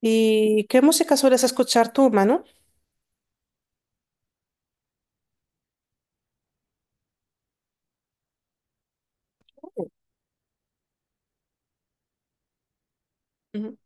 ¿Y qué música sueles escuchar tú, Manu? Ujú.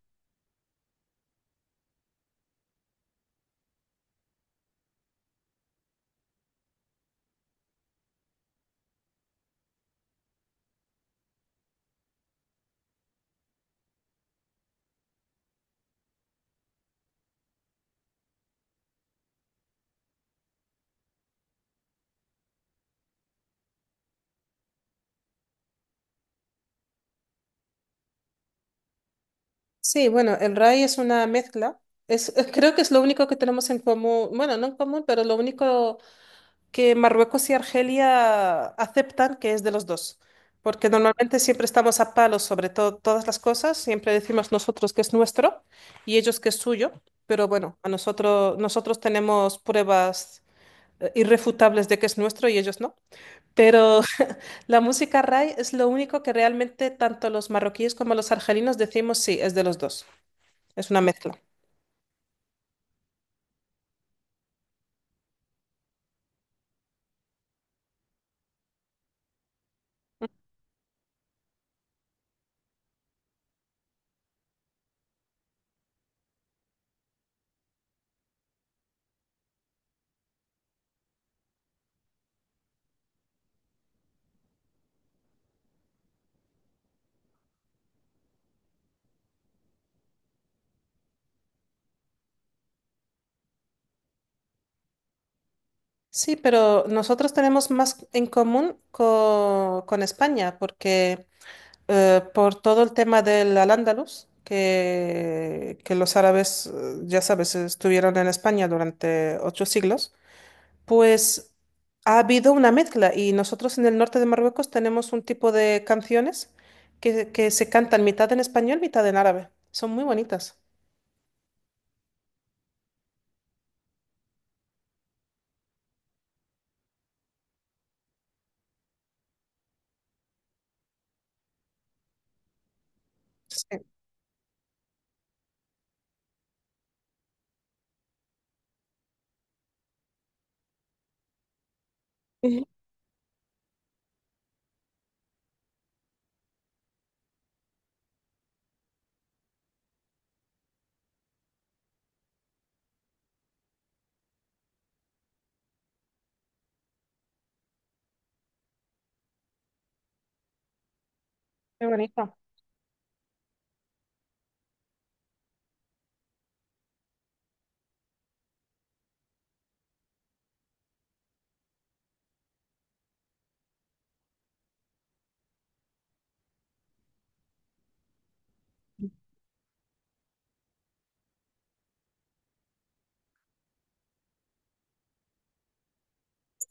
Sí, bueno, el Rai es una mezcla. Es, creo que es lo único que tenemos en común, bueno, no en común, pero lo único que Marruecos y Argelia aceptan que es de los dos. Porque normalmente siempre estamos a palos sobre todas las cosas, siempre decimos nosotros que es nuestro y ellos que es suyo, pero bueno, a nosotros, nosotros tenemos pruebas irrefutables de que es nuestro y ellos no. Pero la música ray es lo único que realmente tanto los marroquíes como los argelinos decimos sí, es de los dos. Es una mezcla. Sí, pero nosotros tenemos más en común con España, porque por todo el tema del al-Ándalus, que, los árabes, ya sabes, estuvieron en España durante ocho siglos. Pues ha habido una mezcla y nosotros en el norte de Marruecos tenemos un tipo de canciones que, se cantan mitad en español, mitad en árabe. Son muy bonitas. Sí. Ujú. Muy bonito.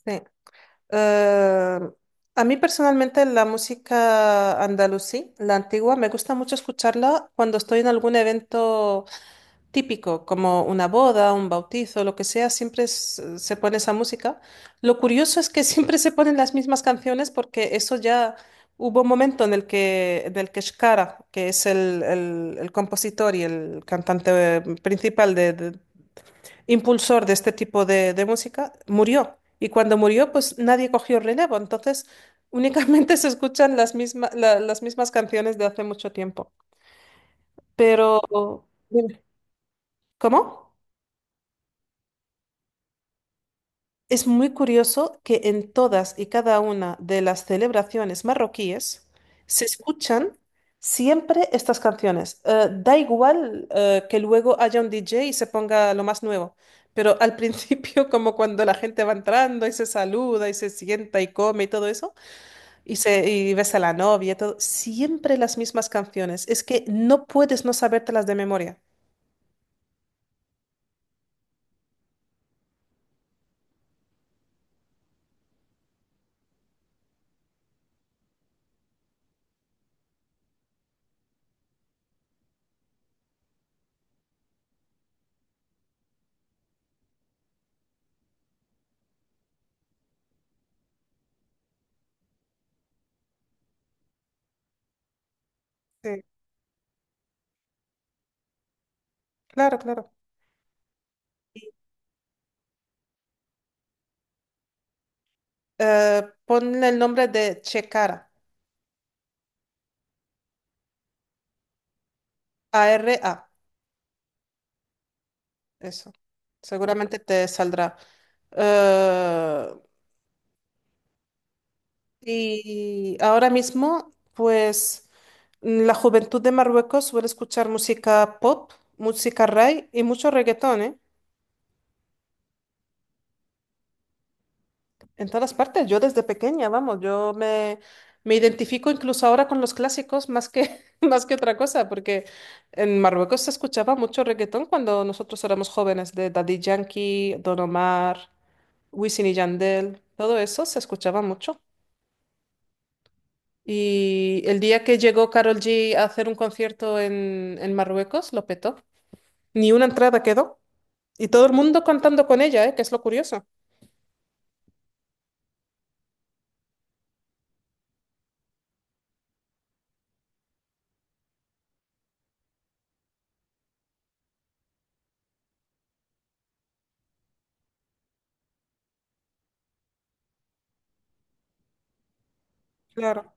Sí. Eh, a mí personalmente la música andalusí, la antigua, me gusta mucho escucharla cuando estoy en algún evento típico, como una boda, un bautizo, lo que sea, siempre se pone esa música. Lo curioso es que siempre se ponen las mismas canciones porque eso ya hubo un momento en el que, Shkara, que es el, el compositor y el cantante principal, impulsor de este tipo de, música, murió. Y cuando murió, pues nadie cogió relevo. Entonces, únicamente se escuchan las las mismas canciones de hace mucho tiempo. Pero, dime, ¿cómo? Es muy curioso que en todas y cada una de las celebraciones marroquíes se escuchan siempre estas canciones. Da igual que luego haya un DJ y se ponga lo más nuevo, pero al principio, como cuando la gente va entrando y se saluda y se sienta y come y todo eso, y ves a la novia y todo, siempre las mismas canciones. Es que no puedes no sabértelas de memoria. Sí, claro, claro. Ponle el nombre de Chekara, A-R-A. Eso. Seguramente te saldrá. Eh, y ahora mismo, pues la juventud de Marruecos suele escuchar música pop, música ray y mucho reggaetón, ¿eh? En todas partes. Yo desde pequeña, vamos, me identifico incluso ahora con los clásicos más que, más que otra cosa, porque en Marruecos se escuchaba mucho reggaetón cuando nosotros éramos jóvenes, de Daddy Yankee, Don Omar, Wisin y Yandel, todo eso se escuchaba mucho. Y el día que llegó Carol G a hacer un concierto en, Marruecos, lo petó. Ni una entrada quedó. Y todo el mundo cantando con ella, ¿eh? Que es lo curioso. Claro.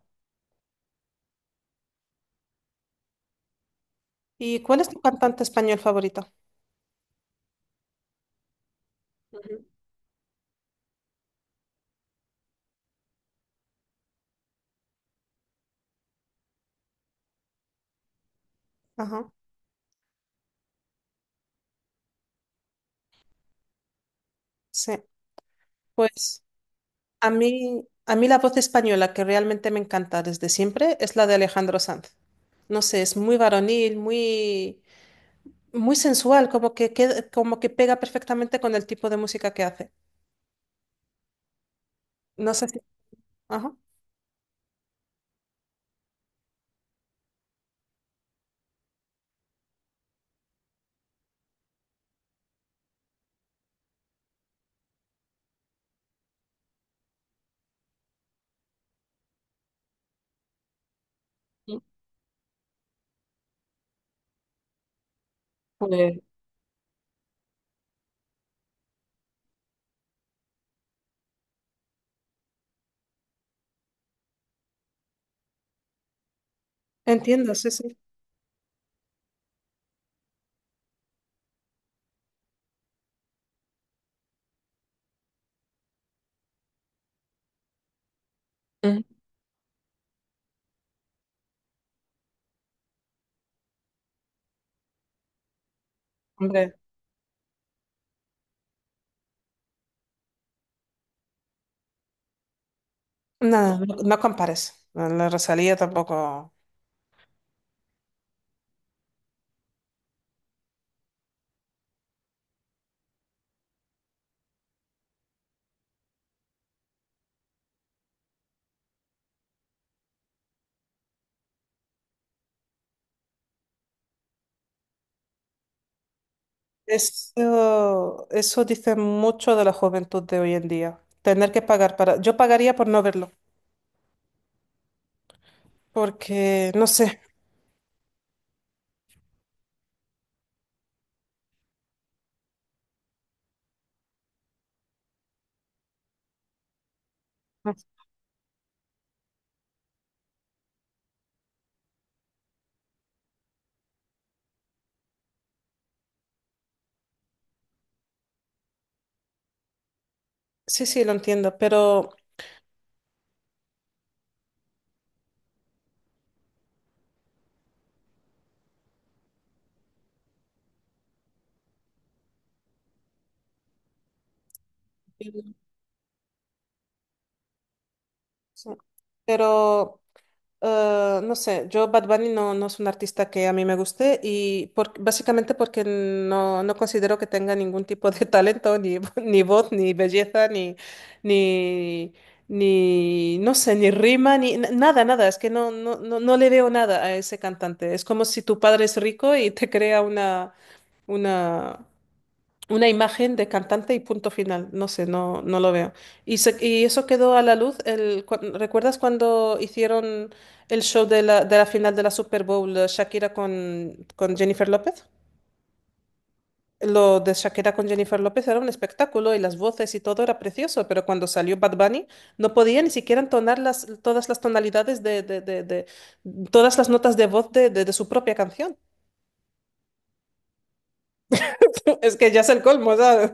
¿Y cuál es tu cantante español favorito? Ujú. Ajá, sí. Pues a mí la voz española que realmente me encanta desde siempre es la de Alejandro Sanz. No sé, es muy varonil, muy, muy sensual, como que, como que pega perfectamente con el tipo de música que hace. No sé si... Ajá. Sí. Pues, entiendo, sí, sí. Mm, hombre, nada, no, no compares. La Rosalía tampoco. Eso dice mucho de la juventud de hoy en día. Tener que pagar para... Yo pagaría por no verlo, porque no sé. Sí, sí, lo entiendo, pero... Pero no sé, yo Bad Bunny no, no es un artista que a mí me guste básicamente porque no, no considero que tenga ningún tipo de talento, ni, ni voz, ni belleza, ni, ni, ni, no sé, ni rima, ni n- nada, nada. Es que no, no le veo nada a ese cantante. Es como si tu padre es rico y te crea una, una, una imagen de cantante y punto final. No sé, no, no lo veo. Y, y eso quedó a la luz. ¿Recuerdas cuando hicieron el show de la, final de la Super Bowl, Shakira con, Jennifer López? Lo de Shakira con Jennifer López era un espectáculo y las voces y todo era precioso, pero cuando salió Bad Bunny no podía ni siquiera entonar las, todas las tonalidades todas las notas de voz de su propia canción. Es que ya es el colmo, ¿sabes?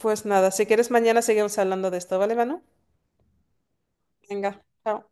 Pues nada, si quieres mañana seguimos hablando de esto, ¿vale, Manu? Venga, chao.